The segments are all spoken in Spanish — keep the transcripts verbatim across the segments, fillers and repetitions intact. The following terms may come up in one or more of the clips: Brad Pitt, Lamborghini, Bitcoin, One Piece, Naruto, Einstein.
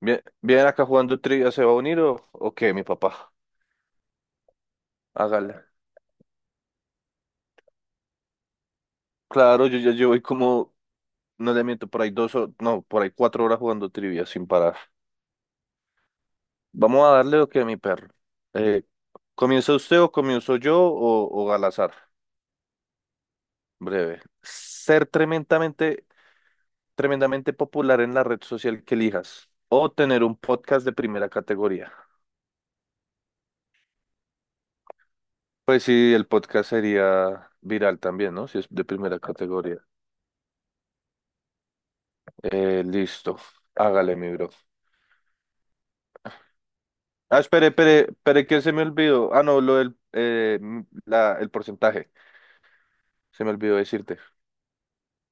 Bien, bien acá jugando trivia, ¿se va a unir o, o qué, mi papá? Hágale. Claro, yo ya llevo ahí como, no le miento, por ahí dos, o- no, por ahí cuatro horas jugando trivia sin parar. Vamos a darle o qué, mi perro. Eh, ¿comienza usted o comienzo yo o, o al azar? Breve. Ser tremendamente, tremendamente popular en la red social que elijas o tener un podcast de primera categoría. Pues sí, el podcast sería viral también, ¿no? Si es de primera categoría. Eh, listo. Hágale, mi bro. Ah, espere, espere, espere, que se me olvidó. Ah, no, lo del eh, m- la, el porcentaje. Se me olvidó decirte.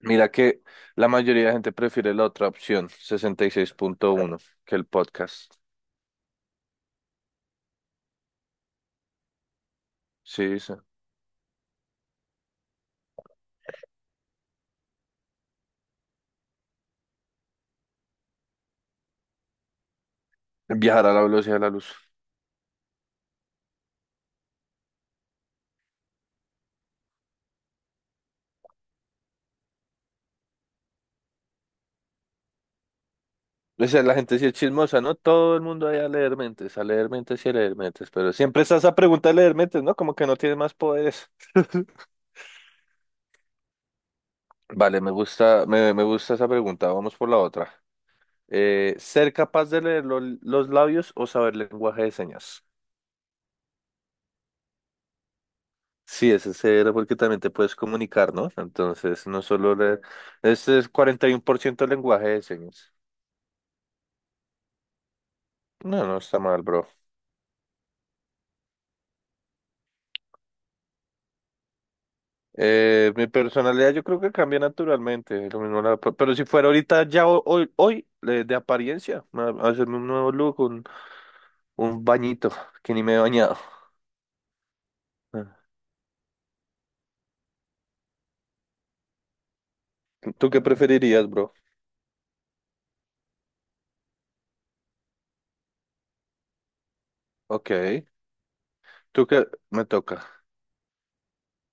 Mira que la mayoría de gente prefiere la otra opción, sesenta y seis punto uno, que el podcast. Sí, sí. Viajar a la velocidad de la luz. O sea, la gente sí es chismosa, ¿no? Todo el mundo allá a leer mentes, a leer mentes y a leer mentes. Pero siempre está esa pregunta de leer mentes, ¿no? Como que no tiene más poderes. Vale, me gusta, me, me gusta esa pregunta. Vamos por la otra. Eh, ser capaz de leer lo- los labios o saber lenguaje de señas. Sí, ese cero porque también te puedes comunicar, ¿no? Entonces, no solo leer. Este es cuarenta y uno por ciento lenguaje de señas. No, no está mal, bro. Eh, mi personalidad yo creo que cambia naturalmente. Lo mismo la- pero si fuera ahorita ya ho- hoy, hoy, eh, de apariencia, a- a hacerme un nuevo look, un, un bañito, que ni me he bañado. Ah, ¿tú qué preferirías, bro? Ok. ¿Tú qué me toca?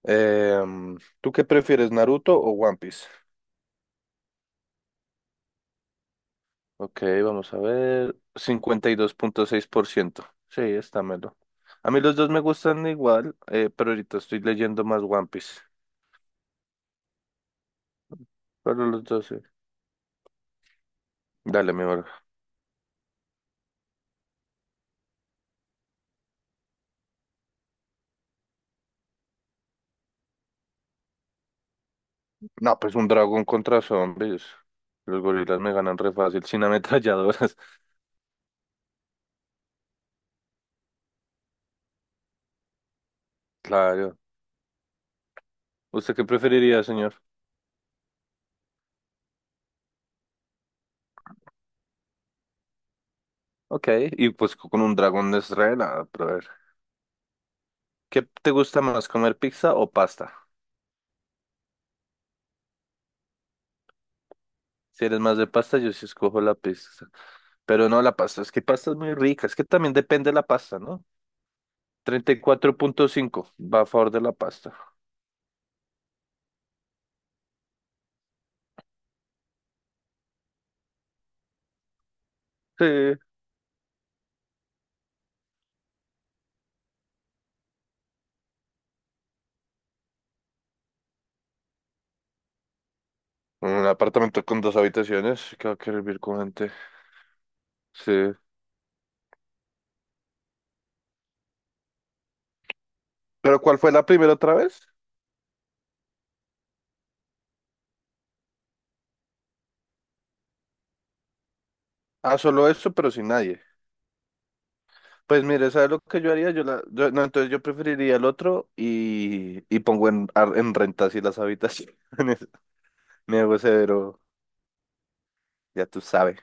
Em, ¿tú qué prefieres, Naruto o One Piece? Ok, vamos a ver. Cincuenta y dos punto seis por ciento. Sí, está melo. A mí los dos me gustan igual, eh, pero ahorita estoy leyendo más One Piece. Pero los dos, sí. Dale, mi bro. No, pues un dragón contra zombies. Los gorilas me ganan re fácil, sin ametralladoras. Claro. ¿Usted qué preferiría, señor? Ok, y pues con un dragón es re nada, pero a ver. ¿Qué te gusta más, comer pizza o pasta? Si eres más de pasta, yo sí escojo la pizza. Pero no la pasta, es que pasta es muy rica, es que también depende de la pasta, ¿no? Treinta y cuatro punto cinco va a favor de la pasta. Sí. Un apartamento con dos habitaciones, que va a querer vivir con gente. Sí. ¿Pero cuál fue la primera otra vez? Ah, solo eso, pero sin nadie. Pues mire, ¿sabes lo que yo haría? Yo la, yo- no, entonces yo preferiría el otro y, y pongo en, ar- en renta así las habitaciones. Me hago severo, ya tú sabes.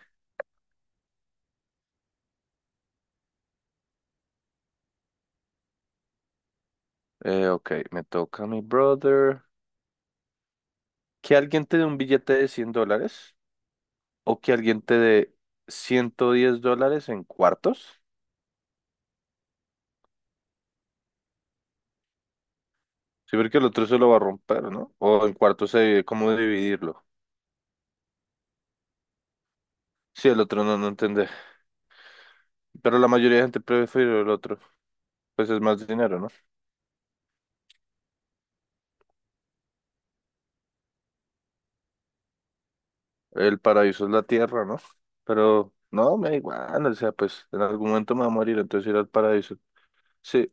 Eh, ok, me toca mi brother. ¿Que alguien te dé un billete de cien dólares? O que alguien te dé ciento diez dólares en cuartos. Sí, porque el otro se lo va a romper, ¿no? O en cuartos se divide, ¿cómo dividirlo? Sí, el otro no, no entendé. Pero la mayoría de gente prefiere el otro. Pues es más dinero, ¿no? El paraíso es la tierra, ¿no? Pero no, me da igual. O sea, pues en algún momento me va a morir, entonces ir al paraíso. Sí,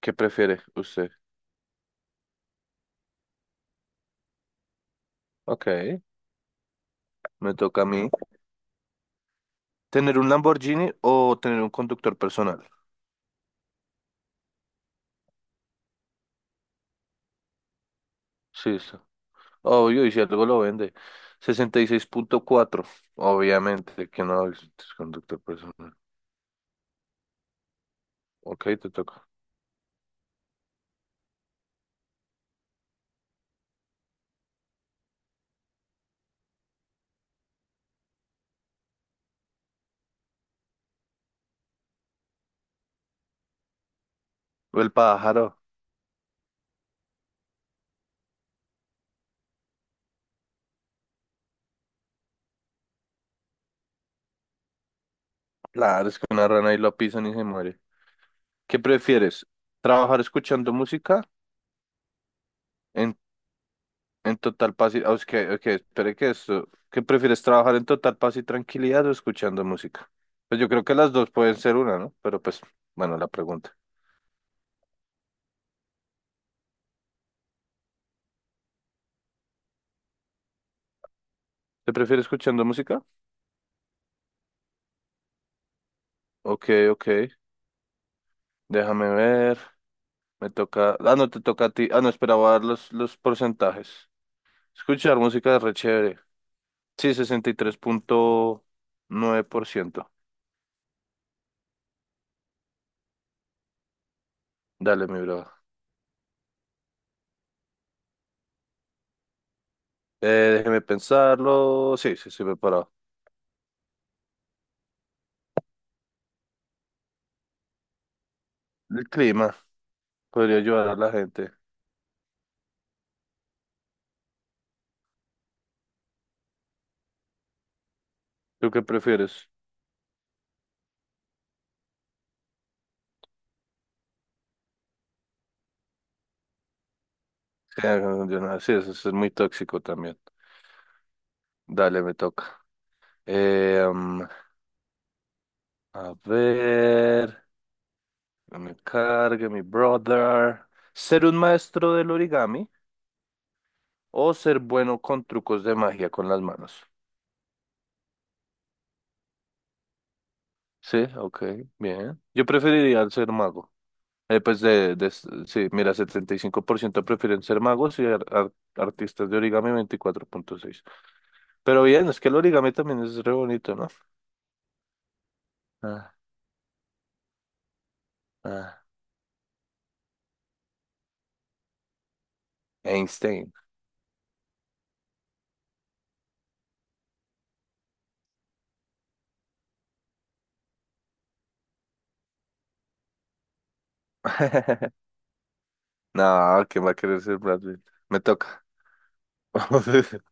¿qué prefiere usted? Ok, me toca a mí. ¿Tener un Lamborghini o tener un conductor personal? Sí, obvio, y si algo lo vende. Sesenta y seis punto cuatro obviamente, que no es es conductor personal. Ok, te toca. El pájaro. Claro, es que una rana y lo pisan y se muere. ¿Qué prefieres? ¿Trabajar escuchando música en, en total paz y, ah, es que- ok, espere que esto. ¿Qué prefieres? ¿Trabajar en total paz y tranquilidad o escuchando música? Pues yo creo que las dos pueden ser una, ¿no? Pero pues, bueno, la pregunta. ¿Te prefieres escuchando música? Ok, ok. Déjame ver. Me toca. Ah, no, te toca a ti. Ah, no, esperaba dar los, los porcentajes. Escuchar música es re chévere. Sí, sesenta y tres punto nueve por ciento. Dale, mi brother. Eh, Déjeme pensarlo. Sí, sí, sí, preparado. El clima podría ayudar a la gente. ¿Tú qué prefieres? Sí, ah, no, yo no- sí, eso es muy tóxico también. Dale, me toca. Eh, mm, a ver. Que me cargue, mi brother. Ser un maestro del origami o ser bueno con trucos de magia con las manos. Sí, ok, bien. Yo preferiría el ser mago. Eh, pues de, de- sí, mira, setenta y cinco por ciento prefieren ser magos y ar- ar- artistas de origami veinticuatro punto seis. Pero bien, es que el origami también es re bonito, ¿no? Ah, ah. Einstein. No, ¿quién va a querer ser Brad Pitt? Me toca.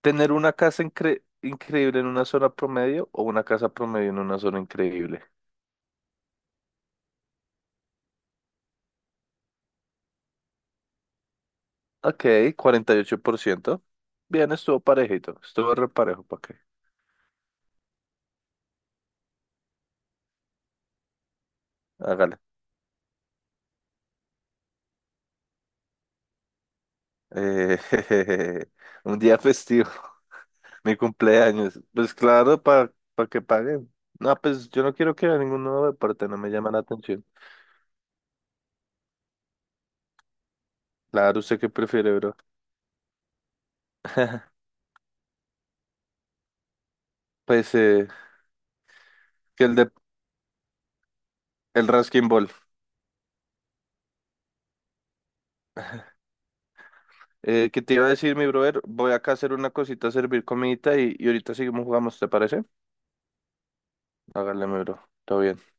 Tener una casa incre- increíble en una zona promedio o una casa promedio en una zona increíble. Ok, cuarenta y ocho por ciento. Bien, estuvo parejito. Estuvo re parejo, ¿para qué? Hágale. Eh, un día festivo, mi cumpleaños. Pues claro, para que paguen. No, pues yo no quiero que a ninguno deporte, no me llama la atención. Claro, ¿usted qué prefiere, bro? Pues eh, que el de el Raskin Ball. Eh, ¿qué te iba a decir, mi brother? Voy acá a hacer una cosita, a servir comidita y, y ahorita seguimos jugando, ¿te parece? Hágale, mi bro. Todo bien.